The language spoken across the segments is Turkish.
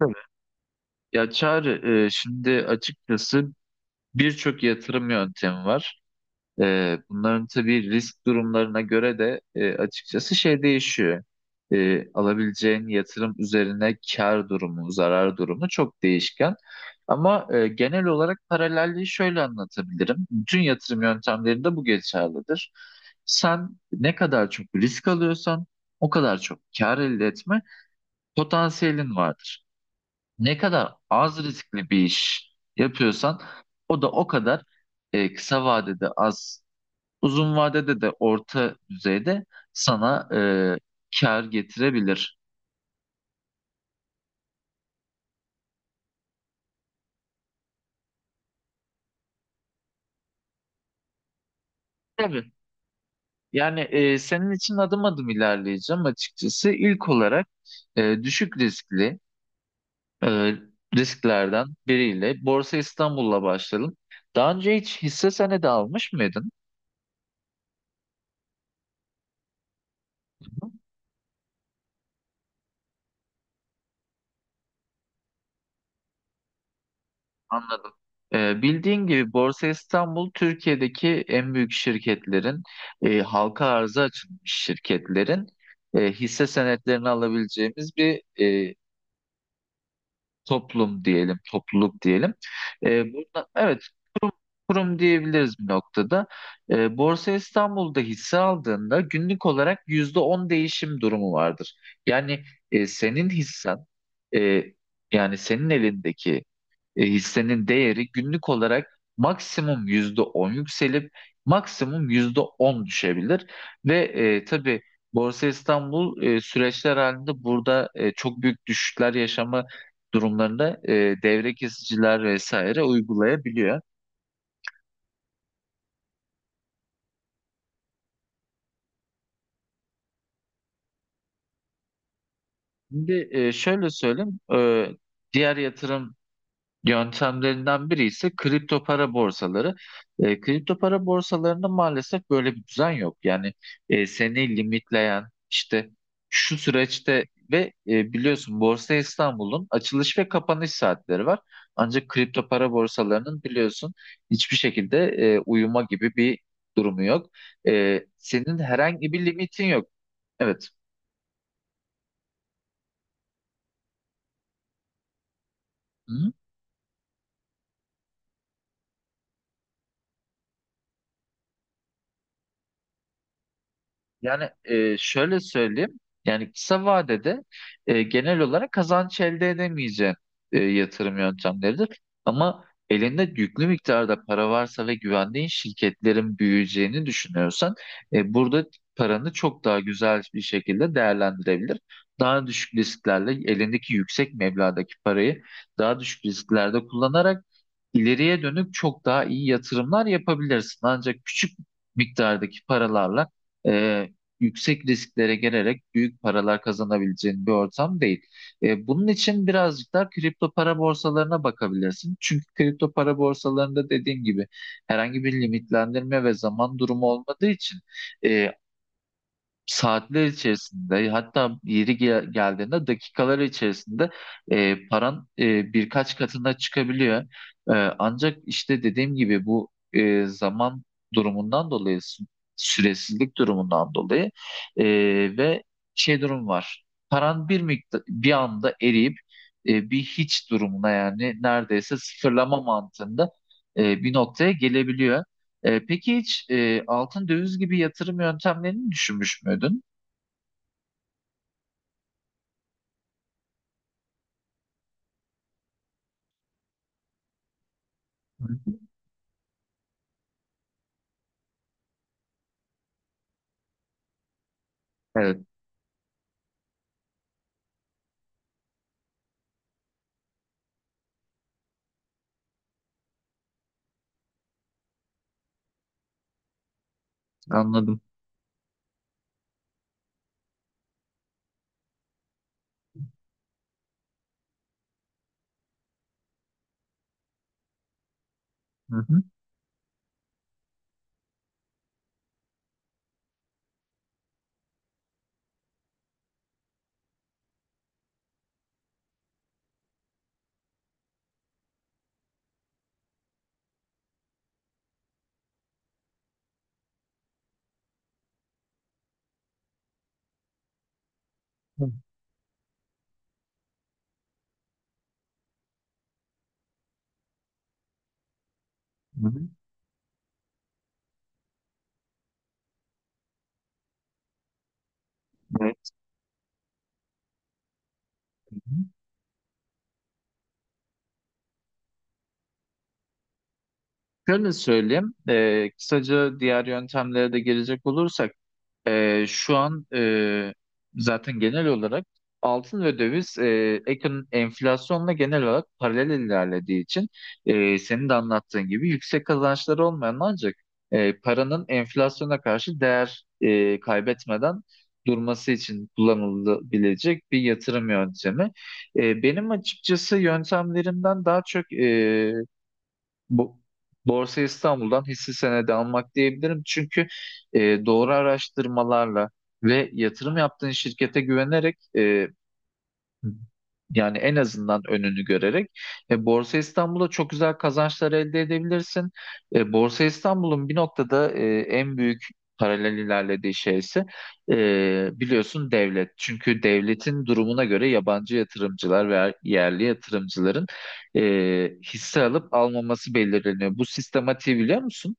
Tabii. Ya Çağrı, şimdi açıkçası birçok yatırım yöntemi var. Bunların tabii risk durumlarına göre de açıkçası şey değişiyor. Alabileceğin yatırım üzerine kar durumu, zarar durumu çok değişken. Ama genel olarak paralelliği şöyle anlatabilirim. Bütün yatırım yöntemlerinde bu geçerlidir. Sen ne kadar çok risk alıyorsan o kadar çok kar elde etme potansiyelin vardır. Ne kadar az riskli bir iş yapıyorsan o da o kadar kısa vadede az, uzun vadede de orta düzeyde sana kar getirebilir. Tabii. Yani senin için adım adım ilerleyeceğim açıkçası. İlk olarak düşük riskli e, risklerden biriyle Borsa İstanbul'la başlayalım. Daha önce hiç hisse senedi almış mıydın? Anladım. Bildiğin gibi Borsa İstanbul Türkiye'deki en büyük şirketlerin, halka arza açılmış şirketlerin hisse senetlerini alabileceğimiz bir toplum diyelim, topluluk diyelim. Burada, evet, kurum diyebiliriz bir noktada. Borsa İstanbul'da hisse aldığında günlük olarak %10 değişim durumu vardır. Yani e, senin hissen e, yani senin elindeki hissenin değeri günlük olarak maksimum %10 yükselip maksimum %10 düşebilir. Ve tabii Borsa İstanbul süreçler halinde burada çok büyük düşüşler yaşama durumlarında devre kesiciler vesaire uygulayabiliyor. Şimdi şöyle söyleyeyim, diğer yatırım yöntemlerinden biri ise kripto para borsaları. Kripto para borsalarında maalesef böyle bir düzen yok. Yani seni limitleyen işte şu süreçte ve biliyorsun Borsa İstanbul'un açılış ve kapanış saatleri var. Ancak kripto para borsalarının biliyorsun hiçbir şekilde uyuma gibi bir durumu yok. Senin herhangi bir limitin yok. Evet. Hı? Yani şöyle söyleyeyim. Yani kısa vadede genel olarak kazanç elde edemeyeceğin yatırım yöntemleridir. Ama elinde yüklü miktarda para varsa ve güvendiğin şirketlerin büyüyeceğini düşünüyorsan burada paranı çok daha güzel bir şekilde değerlendirebilir. Daha düşük risklerle elindeki yüksek meblağdaki parayı daha düşük risklerde kullanarak ileriye dönük çok daha iyi yatırımlar yapabilirsin. Ancak küçük miktardaki paralarla yüksek risklere gelerek büyük paralar kazanabileceğin bir ortam değil. Bunun için birazcık daha kripto para borsalarına bakabilirsin. Çünkü kripto para borsalarında dediğim gibi herhangi bir limitlendirme ve zaman durumu olmadığı için e, saatler içerisinde, hatta geldiğinde dakikalar içerisinde paran birkaç katına çıkabiliyor. E, Ancak işte dediğim gibi bu zaman durumundan dolayı, süresizlik durumundan dolayı e, ve şey durum var. Paran bir miktar bir anda eriyip bir hiç durumuna, yani neredeyse sıfırlama mantığında bir noktaya gelebiliyor. Peki hiç altın, döviz gibi yatırım yöntemlerini düşünmüş müydün? Hı hı. Evet, anladım. Hı hı. Hı hı. Evet. Şöyle söyleyeyim, kısaca diğer yöntemlere de gelecek olursak, şu an zaten genel olarak altın ve döviz, enflasyonla genel olarak paralel ilerlediği için senin de anlattığın gibi yüksek kazançları olmayan, ancak paranın enflasyona karşı değer kaybetmeden durması için kullanılabilecek bir yatırım yöntemi. Benim açıkçası yöntemlerimden daha çok bu Borsa İstanbul'dan hisse senedi almak diyebilirim. Çünkü doğru araştırmalarla ve yatırım yaptığın şirkete güvenerek, hı, yani en azından önünü görerek, Borsa İstanbul'da çok güzel kazançlar elde edebilirsin. Borsa İstanbul'un bir noktada en büyük paralel ilerlediği şeyse biliyorsun devlet. Çünkü devletin durumuna göre yabancı yatırımcılar veya yerli yatırımcıların e, hisse alıp almaması belirleniyor. Bu sistematiği biliyor musun?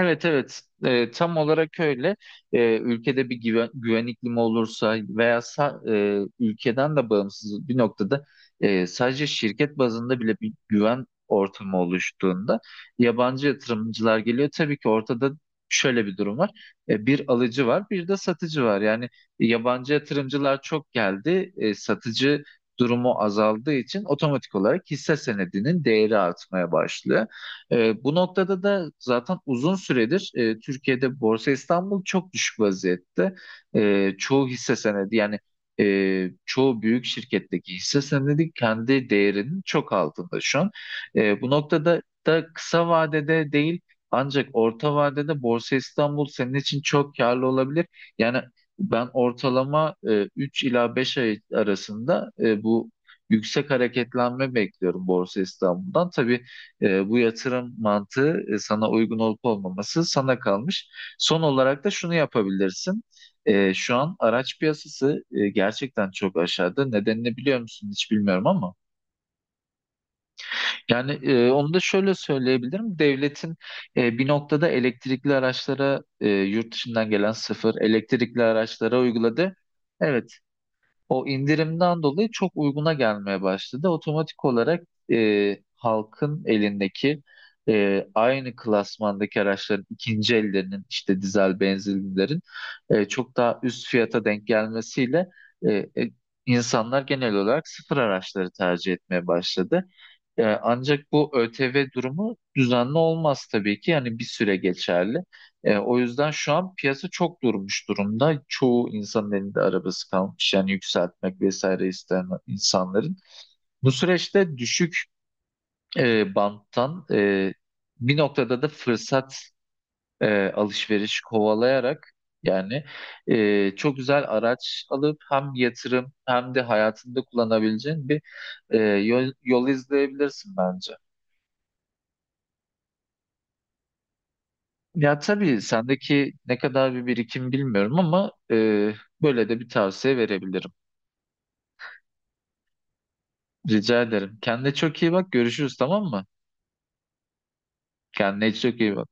Evet, evet. Tam olarak öyle. Ülkede bir güven iklimi olursa veya ülkeden de bağımsız bir noktada, sadece şirket bazında bile bir güven ortamı oluştuğunda yabancı yatırımcılar geliyor. Tabii ki ortada şöyle bir durum var. Bir alıcı var, bir de satıcı var. Yani yabancı yatırımcılar çok geldi, satıcı durumu azaldığı için otomatik olarak hisse senedinin değeri artmaya başlıyor. Bu noktada da zaten uzun süredir Türkiye'de Borsa İstanbul çok düşük vaziyette. Çoğu hisse senedi, yani çoğu büyük şirketteki hisse senedi kendi değerinin çok altında şu an. Bu noktada da kısa vadede değil, ancak orta vadede Borsa İstanbul senin için çok karlı olabilir. Yani ben ortalama 3 ila 5 ay arasında bu yüksek hareketlenme bekliyorum Borsa İstanbul'dan. Tabii bu yatırım mantığı sana uygun olup olmaması sana kalmış. Son olarak da şunu yapabilirsin. Şu an araç piyasası gerçekten çok aşağıda. Nedenini biliyor musun hiç, bilmiyorum ama. Yani onu da şöyle söyleyebilirim. Devletin bir noktada elektrikli araçlara, yurt dışından gelen sıfır elektrikli araçlara uyguladı. Evet, o indirimden dolayı çok uyguna gelmeye başladı. Otomatik olarak halkın elindeki aynı klasmandaki araçların ikinci ellerinin, işte dizel benzinlilerin çok daha üst fiyata denk gelmesiyle e, e, insanlar genel olarak sıfır araçları tercih etmeye başladı. Ancak bu ÖTV durumu düzenli olmaz tabii ki. Yani bir süre geçerli. O yüzden şu an piyasa çok durmuş durumda. Çoğu insanın elinde arabası kalmış. Yani yükseltmek vesaire isteyen insanların. Bu süreçte düşük banttan bir noktada da fırsat, alışveriş kovalayarak, yani çok güzel araç alıp hem yatırım hem de hayatında kullanabileceğin bir yol izleyebilirsin bence. Ya tabii sendeki ne kadar bir birikim bilmiyorum ama böyle de bir tavsiye verebilirim. Rica ederim. Kendine çok iyi bak. Görüşürüz, tamam mı? Kendine çok iyi bak.